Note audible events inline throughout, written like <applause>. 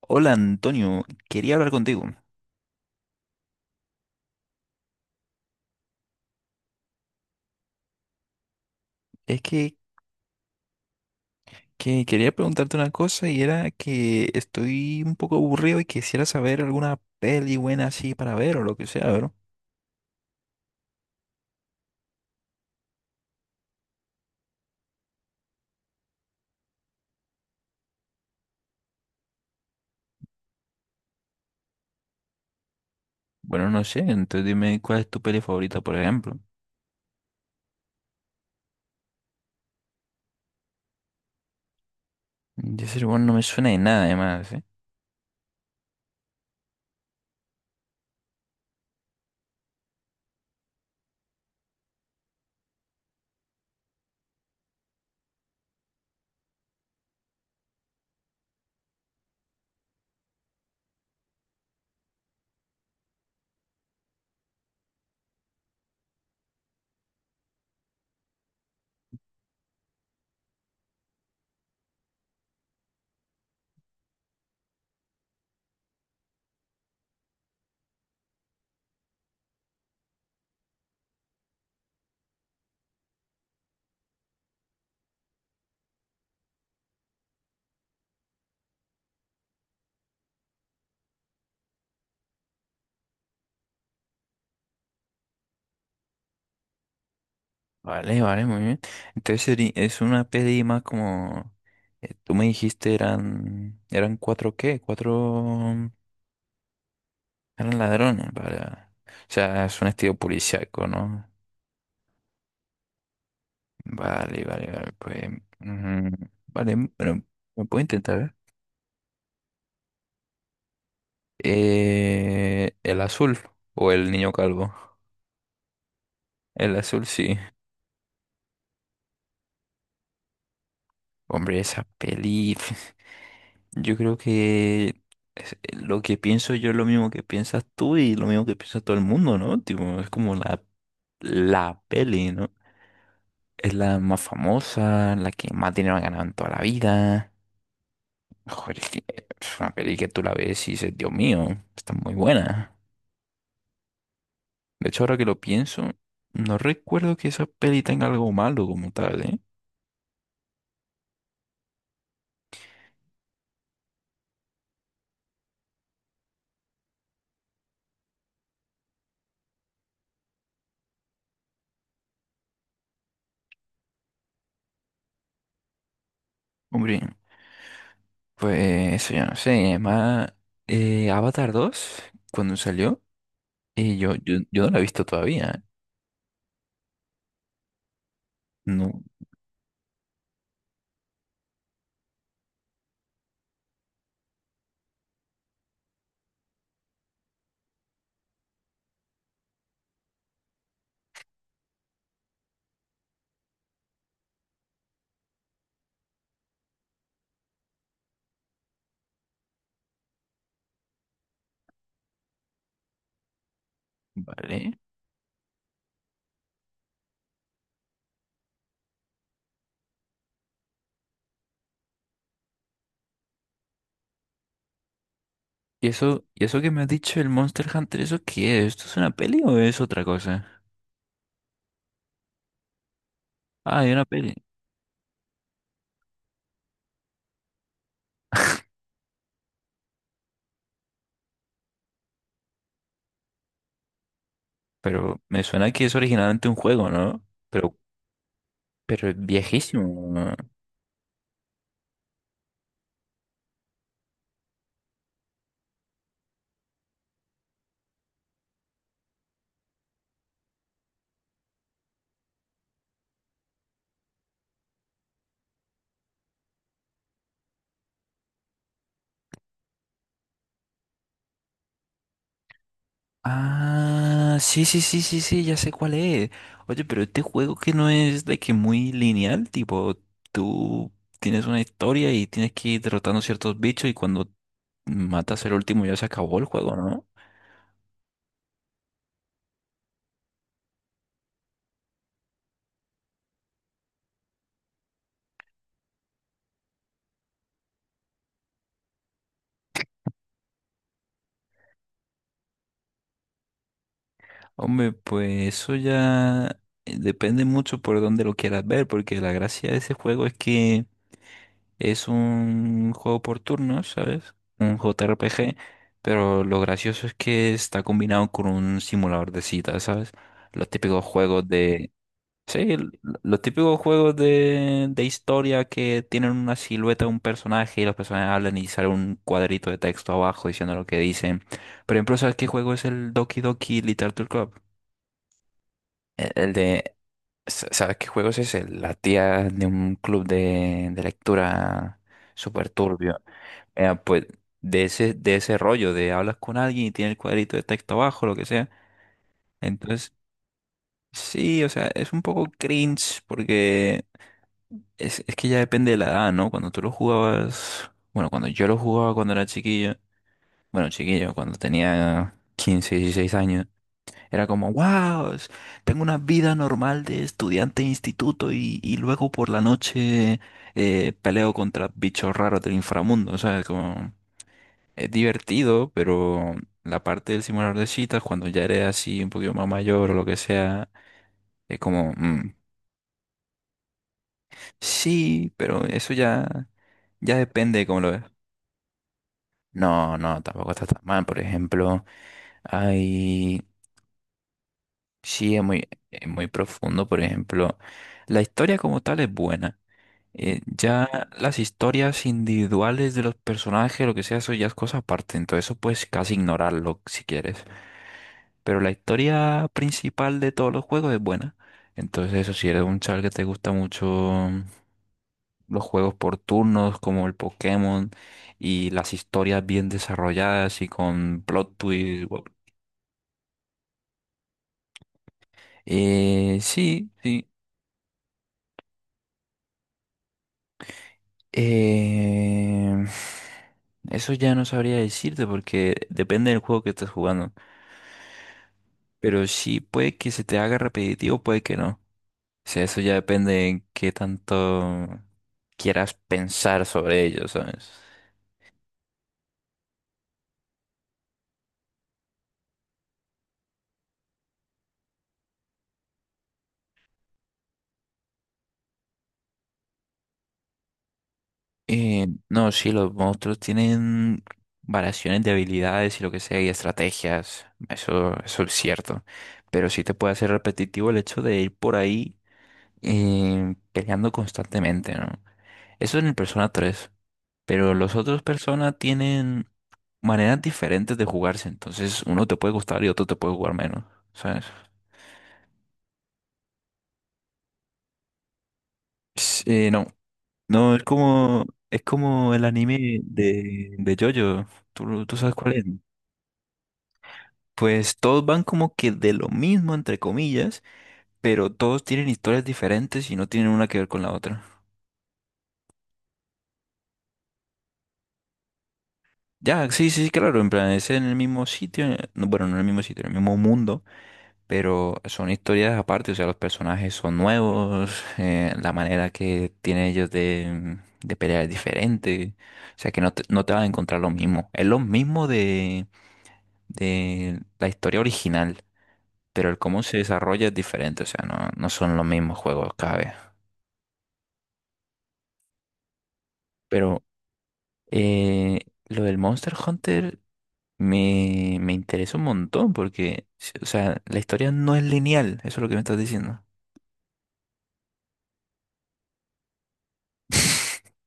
Hola Antonio, quería hablar contigo. Es que quería preguntarte una cosa y era que estoy un poco aburrido y quisiera saber alguna peli buena así para ver o lo que sea, ¿verdad? Bueno, no sé, entonces dime cuál es tu peli favorita, por ejemplo. De ese bueno, no me suena de nada además, ¿eh? Vale, vale, muy bien. Entonces es una peli más como… Tú me dijiste eran… ¿Eran cuatro qué? Cuatro… Eran ladrones, para… O sea, es un estilo policíaco, ¿no? Vale, vale, vale, pues, mm, vale, bueno, lo puedo intentar. El azul o el niño calvo. El azul, sí. Hombre, esa peli, <laughs> yo creo que lo que pienso yo es lo mismo que piensas tú y lo mismo que piensa todo el mundo, ¿no? Tipo, es como la peli, ¿no? Es la más famosa, la que más dinero ha ganado en toda la vida. Joder, es que es una peli que tú la ves y dices, Dios mío, está muy buena. De hecho, ahora que lo pienso, no recuerdo que esa peli tenga algo malo como tal, ¿eh? Hombre, pues yo no sé, además Avatar 2 cuando salió y yo no la he visto todavía, ¿eh? No, vale. ¿Y eso que me has dicho el Monster Hunter, eso qué es? ¿Esto es una peli o es otra cosa? Ah, hay una peli. Pero me suena que es originalmente un juego, ¿no? Pero, pero es viejísimo, ¿no? Ah, sí, sí, sí, sí, sí, ya sé cuál es. Oye, pero este juego que no es de que muy lineal, tipo, tú tienes una historia y tienes que ir derrotando ciertos bichos y cuando matas el último ya se acabó el juego, ¿no? Hombre, pues eso ya depende mucho por dónde lo quieras ver, porque la gracia de ese juego es que es un juego por turnos, ¿sabes? Un JRPG, pero lo gracioso es que está combinado con un simulador de citas, ¿sabes? Los típicos juegos de… Sí, los típicos juegos de historia que tienen una silueta de un personaje y los personajes hablan y sale un cuadrito de texto abajo diciendo lo que dicen. Por ejemplo, ¿sabes qué juego es el Doki Doki Literature Club? El de, sa- ¿sabes qué juego es ese? La tía de un club de lectura súper turbio. Pues de ese rollo, de hablas con alguien y tiene el cuadrito de texto abajo, lo que sea. Entonces, sí, o sea, es un poco cringe porque es que ya depende de la edad, ¿no? Cuando tú lo jugabas, bueno, cuando yo lo jugaba cuando era chiquillo, bueno, chiquillo, cuando tenía 15 16 años, era como, wow, tengo una vida normal de estudiante de instituto y luego por la noche peleo contra bichos raros del inframundo, o sea, como… Es divertido, pero la parte del simulador de citas, cuando ya eres así un poquito más mayor o lo que sea, es como, sí, pero eso ya, ya depende de cómo lo ves. No, no, tampoco está tan mal. Por ejemplo, hay, sí, es muy profundo. Por ejemplo, la historia como tal es buena. Ya las historias individuales de los personajes, lo que sea, eso ya es cosa aparte. Entonces eso puedes casi ignorarlo si quieres. Pero la historia principal de todos los juegos es buena. Entonces, eso, si eres un chaval que te gusta mucho los juegos por turnos, como el Pokémon, y las historias bien desarrolladas y con plot twist, wow. Sí, sí. Eh, <sighs> eso ya no sabría decirte porque depende del juego que estés jugando. Pero sí puede que se te haga repetitivo, puede que no. Sí, eso ya depende en qué tanto quieras pensar sobre ellos, ¿sabes? No, sí, los monstruos tienen variaciones de habilidades y lo que sea, y estrategias. Eso es cierto. Pero sí te puede hacer repetitivo el hecho de ir por ahí peleando constantemente, ¿no? Eso en el Persona 3. Pero los otros Persona tienen maneras diferentes de jugarse. Entonces, uno te puede gustar y otro te puede jugar menos, ¿sabes? Sí, no. No, es como el anime de JoJo. ¿Tú sabes cuál es? Pues todos van como que de lo mismo, entre comillas, pero todos tienen historias diferentes y no tienen una que ver con la otra. Ya, sí, sí, sí, claro, en plan, es en el mismo sitio, no, bueno, no en el mismo sitio, en el mismo mundo, pero son historias aparte, o sea, los personajes son nuevos, <laughs> la manera que tienen ellos de pelear es diferente, o sea, que no te vas a encontrar lo mismo. Es lo mismo de la historia original, pero el cómo se desarrolla es diferente, o sea, no, no son los mismos juegos cada vez. Pero eh, lo del Monster Hunter me interesa un montón porque, o sea, la historia no es lineal, eso es lo que me estás diciendo. <laughs>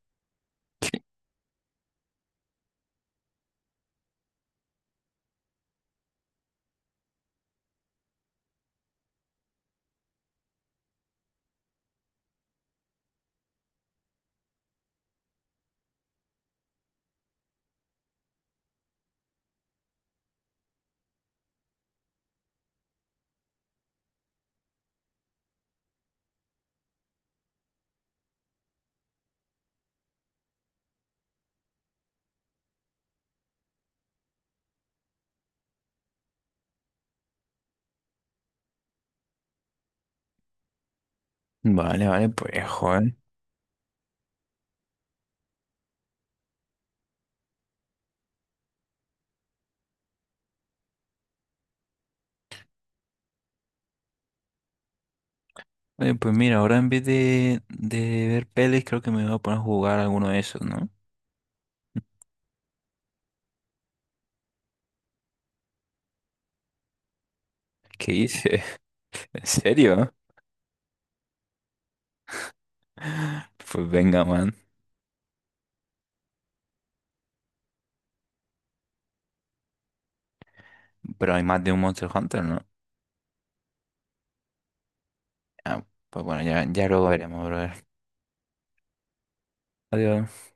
Vale, vale, pues, joder. Oye, pues mira, ahora en vez de ver pelis, creo que me voy a poner a jugar alguno de esos, ¿no? ¿Qué hice? <laughs> ¿En serio? Pues venga, man. Pero hay más de un Monster Hunter, ¿no? Ah, pues bueno, ya, ya luego veremos, brother. Adiós.